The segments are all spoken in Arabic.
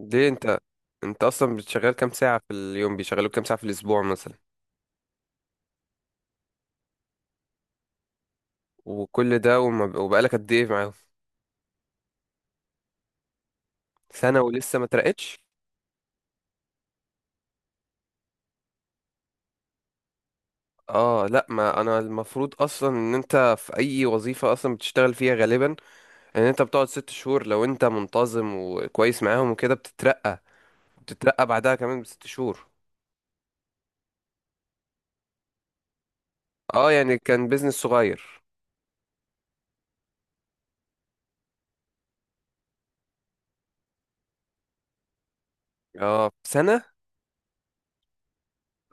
ليه؟ انت اصلا بتشغل كام ساعة في اليوم؟ بيشغلوك كام ساعة في الاسبوع مثلا؟ وكل ده، وبقالك قد ايه معاهم؟ سنة ولسه ما ترقتش؟ اه لا، ما انا المفروض اصلا ان انت في اي وظيفة اصلا بتشتغل فيها غالبا ان انت بتقعد 6 شهور، لو انت منتظم وكويس معاهم وكده بتترقى. بتترقى بعدها كمان ب6 شهور. اه يعني كان بيزنس صغير. اه سنة.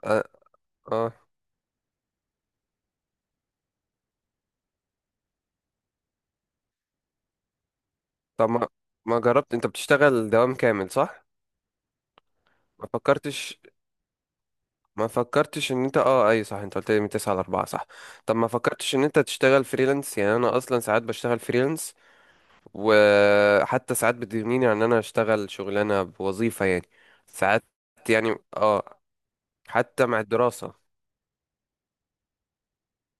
اه. آه. طب، ما جربت؟ انت بتشتغل دوام كامل صح؟ ما فكرتش ما فكرتش ان انت اه اي صح، انت قلت لي من 9 ل 4 صح؟ طب ما فكرتش ان انت تشتغل فريلانس؟ يعني انا اصلا ساعات بشتغل فريلانس، وحتى ساعات بتغنيني عن ان انا اشتغل شغلانه بوظيفه يعني. ساعات. يعني اه. حتى مع الدراسه.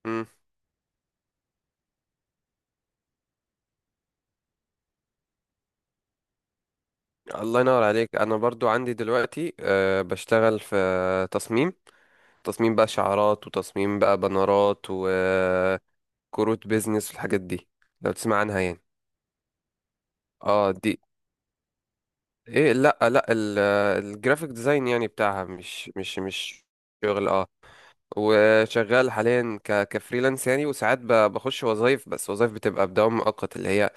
امم. الله ينور عليك. انا برضو عندي دلوقتي بشتغل في تصميم تصميم بقى شعارات، وتصميم بقى بنرات وكروت بيزنس والحاجات دي، لو تسمع عنها يعني. اه دي، ايه؟ لا لا، الجرافيك ديزاين يعني بتاعها مش شغل اه. وشغال حاليا كفريلانس يعني، وساعات بخش وظايف، بس وظايف بتبقى بدوام مؤقت اللي هي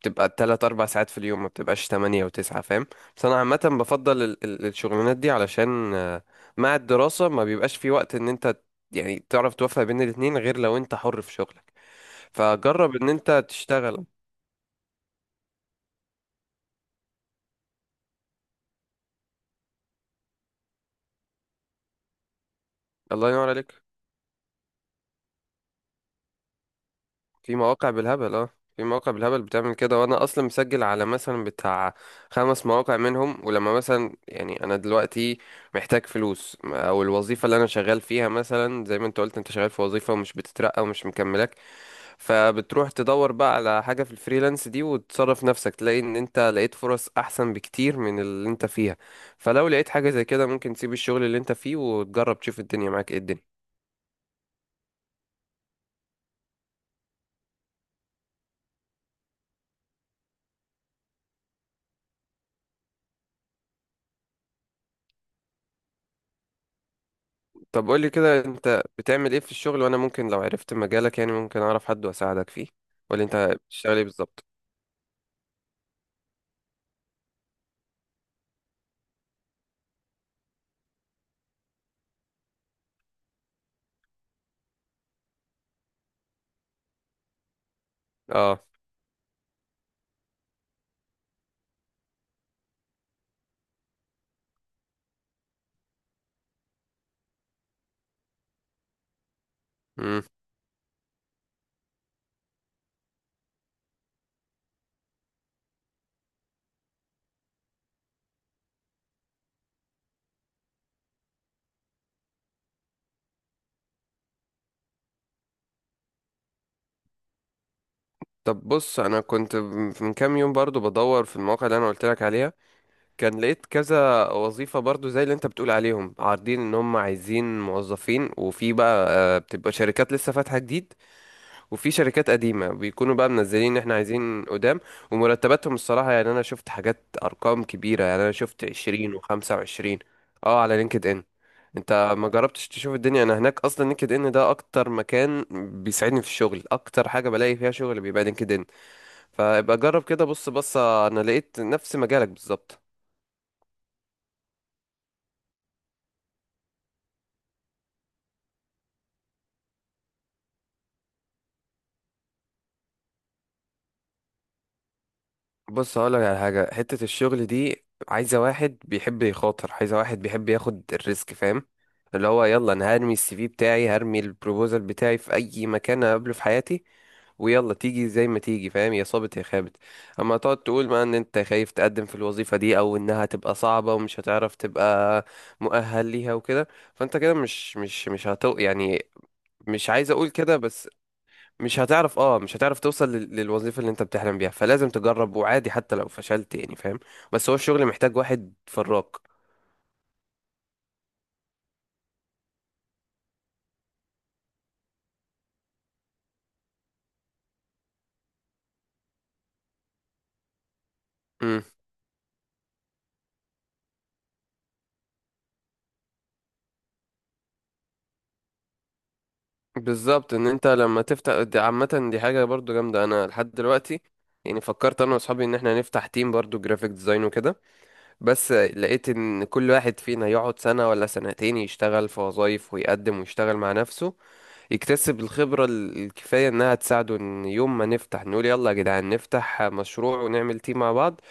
بتبقى 3-4 ساعات في اليوم، ما بتبقاش 8 و9 فاهم. بس أنا عامة بفضل الشغلانات دي علشان مع الدراسة ما بيبقاش في وقت إن أنت يعني تعرف توفق بين الاتنين، غير لو أنت حر في شغلك. فجرب إن أنت تشتغل. الله ينور عليك. في مواقع بالهبل اه. في مواقع بالهبل بتعمل كده، وانا اصلا مسجل على مثلا بتاع خمس مواقع منهم، ولما مثلا يعني انا دلوقتي محتاج فلوس، او الوظيفه اللي انا شغال فيها مثلا زي ما انت قلت، انت شغال في وظيفه ومش بتترقى ومش مكملك، فبتروح تدور بقى على حاجه في الفريلانس دي وتصرف نفسك، تلاقي ان انت لقيت فرص احسن بكتير من اللي انت فيها. فلو لقيت حاجه زي كده ممكن تسيب الشغل اللي انت فيه وتجرب تشوف الدنيا معاك ايه الدنيا. طب قولي كده، انت بتعمل ايه في الشغل؟ وانا ممكن لو عرفت مجالك يعني ممكن اعرف حد واساعدك فيه. ولا انت بتشتغل ايه بالظبط؟ اه امم طب بص، انا كنت من كام يوم برضو بدور في المواقع اللي انا قلت لك عليها، كان لقيت كذا وظيفة برضو زي اللي انت بتقول عليهم عارضين ان هم عايزين موظفين، وفي بقى آه، بتبقى شركات لسه فاتحة جديد، وفي شركات قديمة بيكونوا بقى منزلين ان احنا عايزين قدام. ومرتباتهم الصراحة يعني انا شفت حاجات ارقام كبيرة، يعني انا شفت 20 و25. اه على لينكد ان. انت ما جربتش تشوف الدنيا؟ انا هناك اصلا. لينكد ان ده اكتر مكان بيساعدني في الشغل، اكتر حاجة بلاقي فيها شغل بيبقى لينكد ان. فابقى جرب كده، بص بص انا لقيت نفس مجالك بالظبط. بص هقولك على حاجة، حتة الشغل دي عايزة واحد بيحب يخاطر، عايزة واحد بيحب ياخد الريسك فاهم؟ اللي هو يلا انا هرمي السي في بتاعي، هرمي البروبوزال بتاعي في اي مكان اقابله في حياتي، ويلا تيجي زي ما تيجي فاهم، يا صابت يا خابت. اما تقعد تقول بقى ان انت خايف تقدم في الوظيفة دي او انها تبقى صعبة ومش هتعرف تبقى مؤهل ليها وكده، فانت كده مش مش مش هتو يعني مش عايز اقول كده بس، مش هتعرف توصل للوظيفة اللي انت بتحلم بيها. فلازم تجرب، وعادي حتى لو فشلت يعني فاهم. بس هو الشغل محتاج واحد فراك. امم. بالظبط ان انت لما تفتح دي، عامة دي حاجة برضو جامدة. انا لحد دلوقتي يعني فكرت انا واصحابي ان احنا نفتح تيم برضو جرافيك ديزاين وكده، بس لقيت ان كل واحد فينا يقعد سنة ولا سنتين يشتغل في وظايف ويقدم ويشتغل مع نفسه، يكتسب الخبرة الكفاية إنها تساعده إن يوم ما نفتح نقول يلا يا جدعان نفتح مشروع ونعمل تيم مع بعض.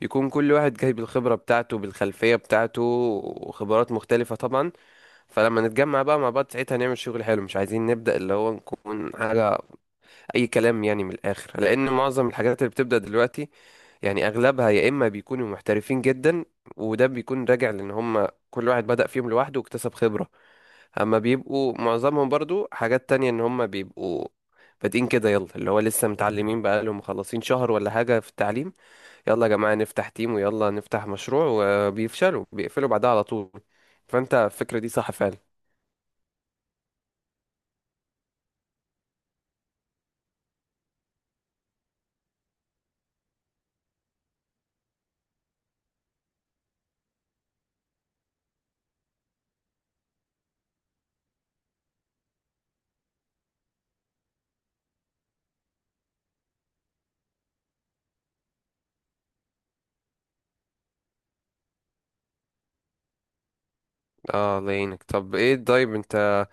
يكون كل واحد جايب الخبرة بتاعته بالخلفية بتاعته، وخبرات مختلفة طبعا. فلما نتجمع بقى مع بعض ساعتها نعمل شغل حلو، مش عايزين نبدأ اللي هو نكون حاجة أي كلام يعني من الآخر، لأن معظم الحاجات اللي بتبدأ دلوقتي يعني أغلبها يا إما بيكونوا محترفين جدا، وده بيكون راجع لأن هم كل واحد بدأ فيهم لوحده واكتسب خبرة، اما بيبقوا معظمهم برضو حاجات تانية ان هم بيبقوا بادئين كده يلا اللي هو لسه متعلمين بقالهم مخلصين شهر ولا حاجة في التعليم، يلا يا جماعة نفتح تيم ويلا نفتح مشروع، وبيفشلوا بيقفلوا بعدها على طول. فانت الفكرة دي صح فعلا. اه الله يعينك. طب ايه؟ طيب انت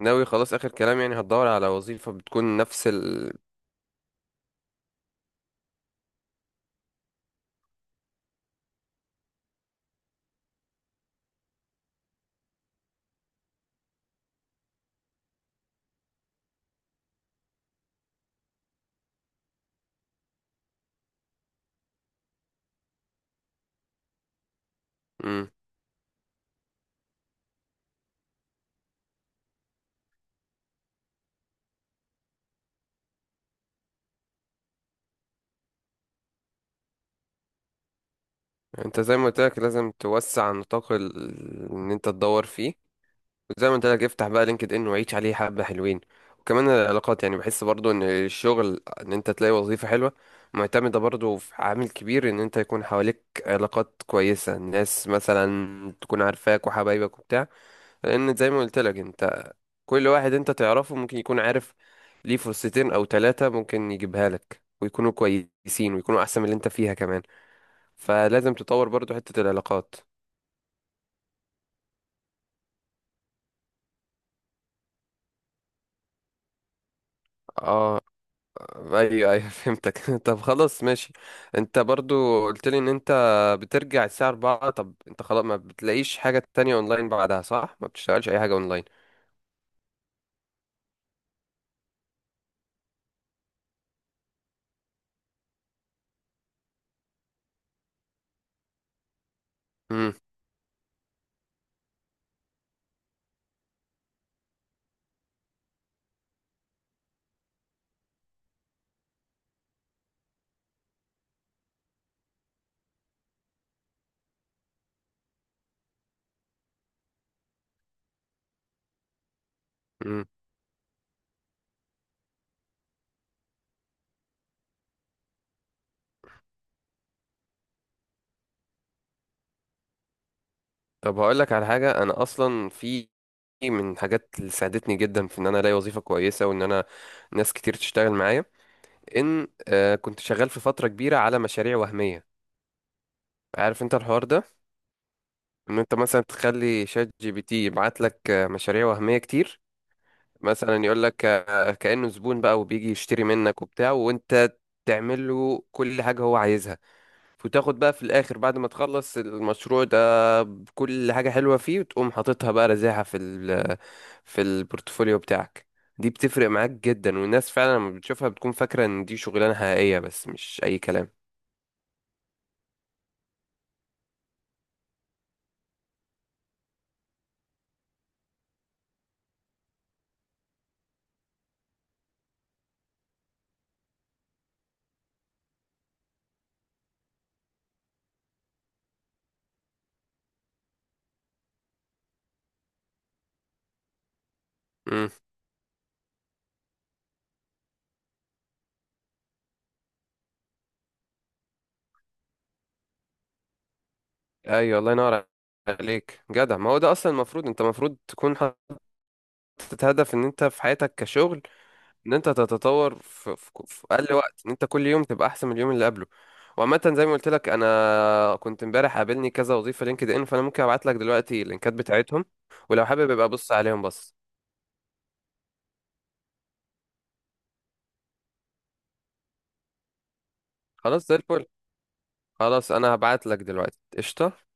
ناوي خلاص، اخر كلام يعني هتدور على وظيفة بتكون نفس ال مم. انت زي ما قلت لك لازم توسع نطاق ان انت تدور فيه. زي ما انت لك، افتح بقى لينكد ان وعيش عليه حبة حلوين. وكمان العلاقات يعني، بحس برضو ان الشغل ان انت تلاقي وظيفة حلوة معتمدة برضو في عامل كبير ان انت يكون حواليك علاقات كويسة، ناس مثلا تكون عارفاك وحبايبك وبتاع، لان زي ما قلت لك انت كل واحد انت تعرفه ممكن يكون عارف ليه فرصتين او ثلاثة، ممكن يجيبها لك ويكونوا كويسين ويكونوا احسن من اللي انت فيها كمان. فلازم تطور برضو حتة العلاقات. اه ايوه ايوه فهمتك. طب خلاص ماشي، انت برضو قلت لي ان انت بترجع الساعة 4. طب انت خلاص ما بتلاقيش حاجة تانية اونلاين بعدها صح؟ ما بتشتغلش اي حاجة اونلاين؟ امم امم طب هقول لك على حاجة، انا اصلا في من حاجات اللي ساعدتني جدا في ان انا الاقي وظيفة كويسة وان انا ناس كتير تشتغل معايا، ان كنت شغال في فترة كبيرة على مشاريع وهمية. عارف انت الحوار ده، ان انت مثلا تخلي شات جي بي تي يبعت لك مشاريع وهمية كتير، مثلا يقول لك كأنه زبون بقى وبيجي يشتري منك وبتاع، وانت تعمل له كل حاجة هو عايزها، وتاخد بقى في الآخر بعد ما تخلص المشروع ده بكل حاجة حلوة فيه، وتقوم حاططها بقى رزاعة في البورتفوليو بتاعك. دي بتفرق معاك جدا، والناس فعلا لما بتشوفها بتكون فاكرة ان دي شغلانة حقيقية بس مش أي كلام. امم. ايوه الله ينور عليك، جدع. ما هو ده اصلا المفروض، انت المفروض تكون حاطط هدف ان انت في حياتك كشغل ان انت تتطور في اقل وقت، ان انت كل يوم تبقى احسن من اليوم اللي قبله. وعامة زي ما قلت لك انا كنت امبارح قابلني كذا وظيفة لينكد ان، فانا ممكن ابعت لك دلوقتي اللينكات بتاعتهم، ولو حابب يبقى بص عليهم بس. خلاص زي الفل. خلاص انا هبعت لك دلوقتي قشطة.